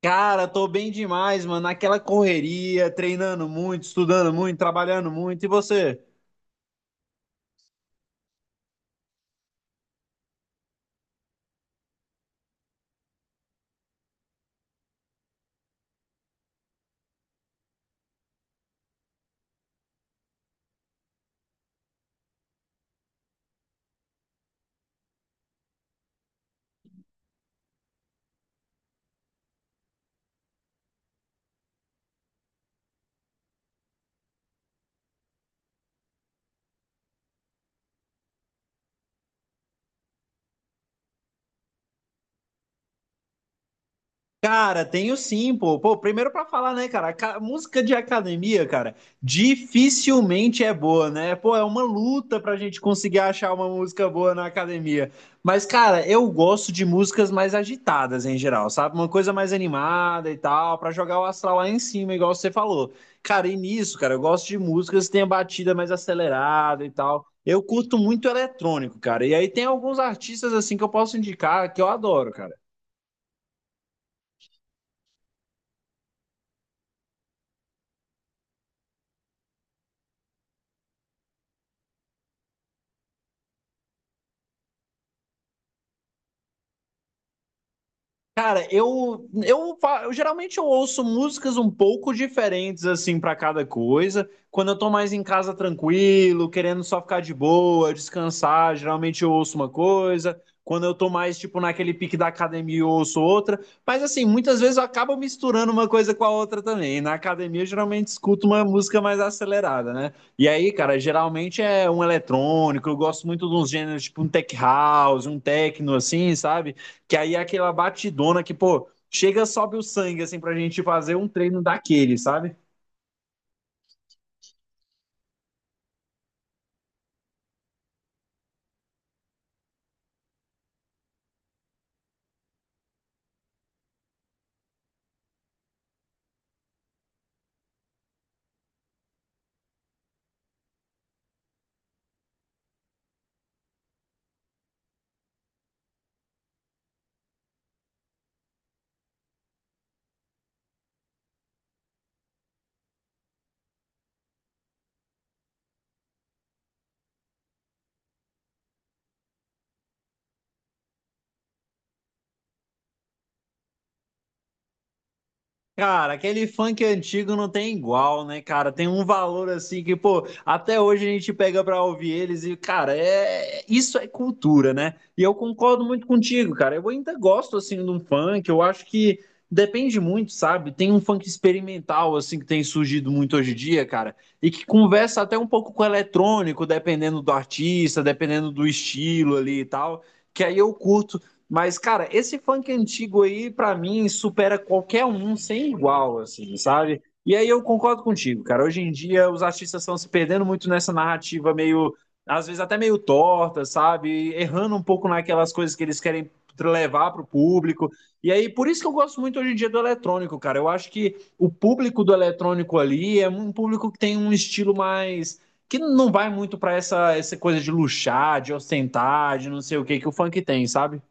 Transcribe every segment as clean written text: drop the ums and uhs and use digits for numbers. Cara, tô bem demais, mano. Naquela correria, treinando muito, estudando muito, trabalhando muito. E você? Cara, tenho sim, pô. Pô, primeiro pra falar, né, cara? Música de academia, cara, dificilmente é boa, né? Pô, é uma luta pra gente conseguir achar uma música boa na academia. Mas, cara, eu gosto de músicas mais agitadas em geral, sabe? Uma coisa mais animada e tal, pra jogar o astral lá em cima, igual você falou. Cara, e nisso, cara, eu gosto de músicas que tenham batida mais acelerada e tal. Eu curto muito eletrônico, cara. E aí tem alguns artistas assim que eu posso indicar que eu adoro, cara. Cara, eu geralmente eu ouço músicas um pouco diferentes assim pra cada coisa. Quando eu tô mais em casa tranquilo, querendo só ficar de boa, descansar, geralmente eu ouço uma coisa. Quando eu tô mais tipo naquele pique da academia, eu ouço outra. Mas assim, muitas vezes eu acabo misturando uma coisa com a outra também. Na academia eu geralmente escuto uma música mais acelerada, né? E aí, cara, geralmente é um eletrônico. Eu gosto muito de uns gêneros tipo um tech house, um techno assim, sabe? Que aí é aquela batidona que, pô, chega, sobe o sangue, assim, pra gente fazer um treino daquele, sabe? Cara, aquele funk antigo não tem igual, né, cara? Tem um valor assim que, pô, até hoje a gente pega pra ouvir eles e, cara, é isso é cultura, né? E eu concordo muito contigo, cara. Eu ainda gosto assim de um funk, eu acho que depende muito, sabe? Tem um funk experimental assim que tem surgido muito hoje em dia, cara, e que conversa até um pouco com o eletrônico, dependendo do artista, dependendo do estilo ali e tal, que aí eu curto. Mas, cara, esse funk antigo aí, pra mim, supera qualquer um sem igual, assim, sabe? E aí eu concordo contigo, cara. Hoje em dia os artistas estão se perdendo muito nessa narrativa meio, às vezes até meio torta, sabe? Errando um pouco naquelas coisas que eles querem levar para o público. E aí, por isso que eu gosto muito hoje em dia do eletrônico, cara. Eu acho que o público do eletrônico ali é um público que tem um estilo mais. Que não vai muito para essa coisa de luxar, de ostentar, de não sei o que que o funk tem, sabe?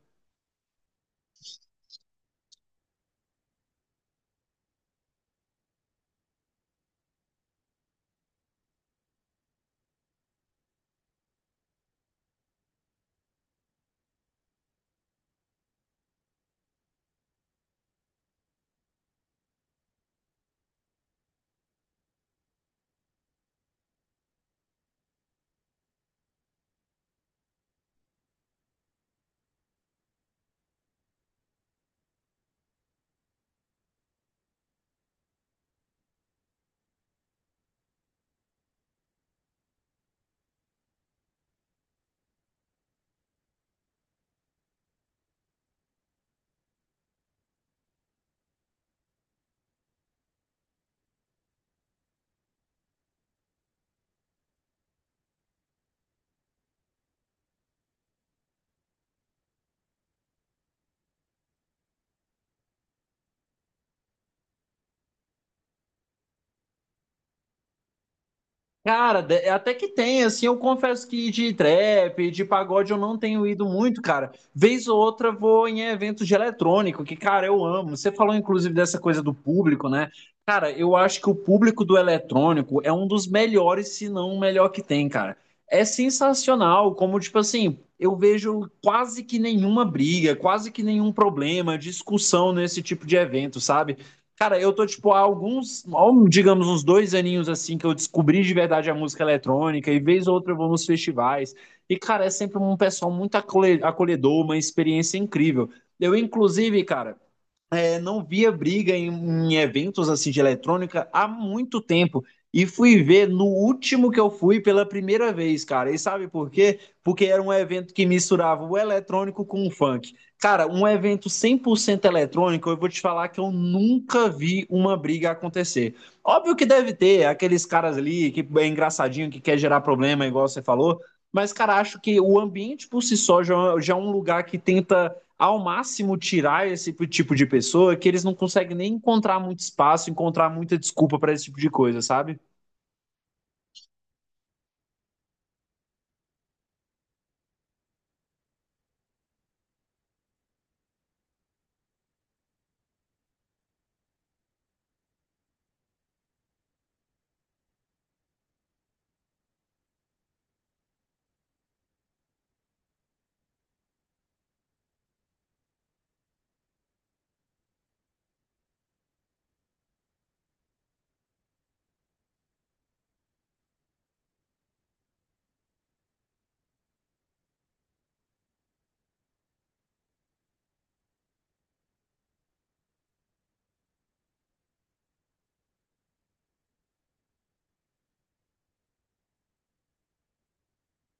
Cara, até que tem, assim, eu confesso que de trap, de pagode eu não tenho ido muito, cara. Vez ou outra eu vou em eventos de eletrônico, que, cara, eu amo. Você falou, inclusive, dessa coisa do público, né? Cara, eu acho que o público do eletrônico é um dos melhores, se não o melhor que tem, cara. É sensacional, como, tipo assim, eu vejo quase que nenhuma briga, quase que nenhum problema, discussão nesse tipo de evento, sabe? Cara, eu tô, tipo, há alguns, digamos, uns dois aninhos assim que eu descobri de verdade a música eletrônica, e vez ou outra eu vou nos festivais. E, cara, é sempre um pessoal muito acolhedor, uma experiência incrível. Eu, inclusive, cara, não via briga em, em eventos assim de eletrônica há muito tempo. E fui ver no último que eu fui pela primeira vez, cara. E sabe por quê? Porque era um evento que misturava o eletrônico com o funk. Cara, um evento 100% eletrônico, eu vou te falar que eu nunca vi uma briga acontecer. Óbvio que deve ter aqueles caras ali que é engraçadinho, que quer gerar problema, igual você falou. Mas, cara, acho que o ambiente por si só já, já é um lugar que tenta ao máximo tirar esse tipo de pessoa que eles não conseguem nem encontrar muito espaço, encontrar muita desculpa para esse tipo de coisa, sabe?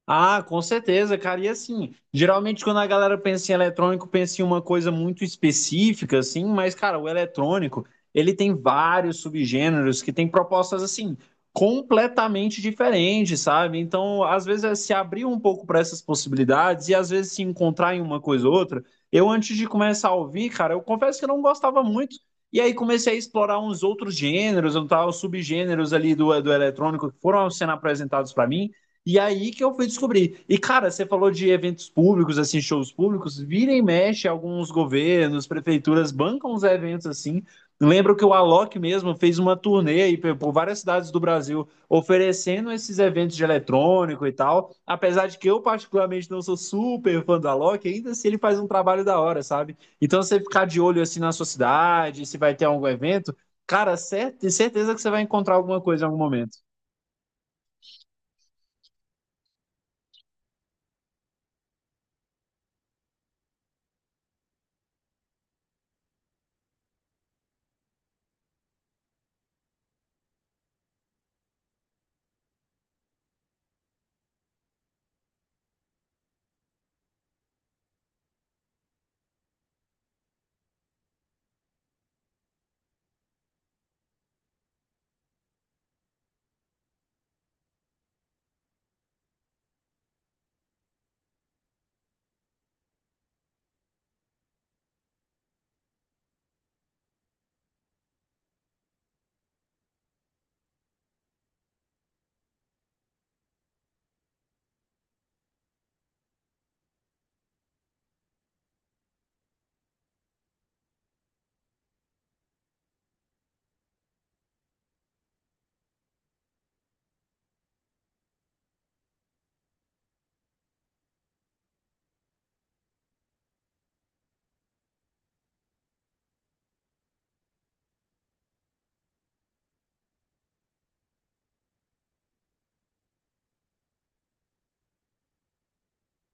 Ah, com certeza, cara. E assim, geralmente quando a galera pensa em eletrônico, pensa em uma coisa muito específica, assim, mas, cara, o eletrônico, ele tem vários subgêneros que tem propostas, assim, completamente diferentes, sabe? Então, às vezes, é se abrir um pouco para essas possibilidades e às vezes se encontrar em uma coisa ou outra. Eu, antes de começar a ouvir, cara, eu confesso que eu não gostava muito. E aí comecei a explorar uns outros gêneros, um tal, subgêneros ali do eletrônico que foram sendo apresentados para mim. E aí que eu fui descobrir. E, cara, você falou de eventos públicos, assim, shows públicos, vira e mexe, alguns governos, prefeituras bancam os eventos assim. Lembro que o Alok mesmo fez uma turnê aí por várias cidades do Brasil oferecendo esses eventos de eletrônico e tal. Apesar de que eu, particularmente, não sou super fã do Alok, ainda se assim ele faz um trabalho da hora, sabe? Então você ficar de olho assim na sua cidade, se vai ter algum evento, cara, certeza que você vai encontrar alguma coisa em algum momento.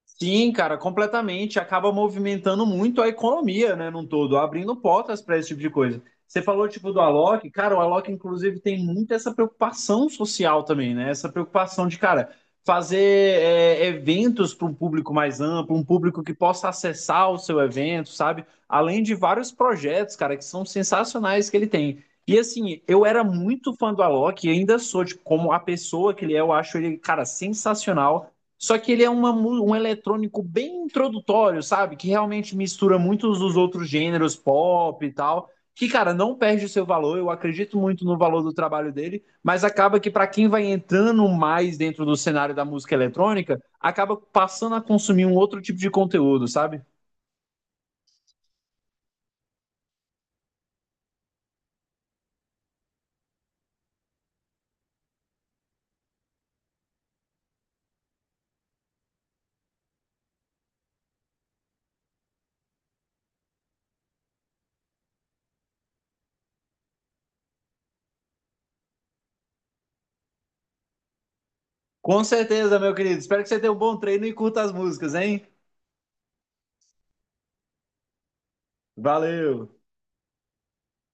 Sim, cara, completamente. Acaba movimentando muito a economia, né, num todo, abrindo portas para esse tipo de coisa. Você falou, tipo, do Alok, cara, o Alok, inclusive, tem muito essa preocupação social também, né? Essa preocupação de, cara, fazer eventos para um público mais amplo, um público que possa acessar o seu evento, sabe? Além de vários projetos, cara, que são sensacionais que ele tem. E assim, eu era muito fã do Alok e ainda sou, tipo, como a pessoa que ele é, eu acho ele, cara, sensacional. Só que ele é um eletrônico bem introdutório, sabe? Que realmente mistura muitos dos outros gêneros pop e tal. Que, cara, não perde o seu valor. Eu acredito muito no valor do trabalho dele, mas acaba que, para quem vai entrando mais dentro do cenário da música eletrônica, acaba passando a consumir um outro tipo de conteúdo, sabe? Com certeza, meu querido. Espero que você tenha um bom treino e curta as músicas, hein? Valeu!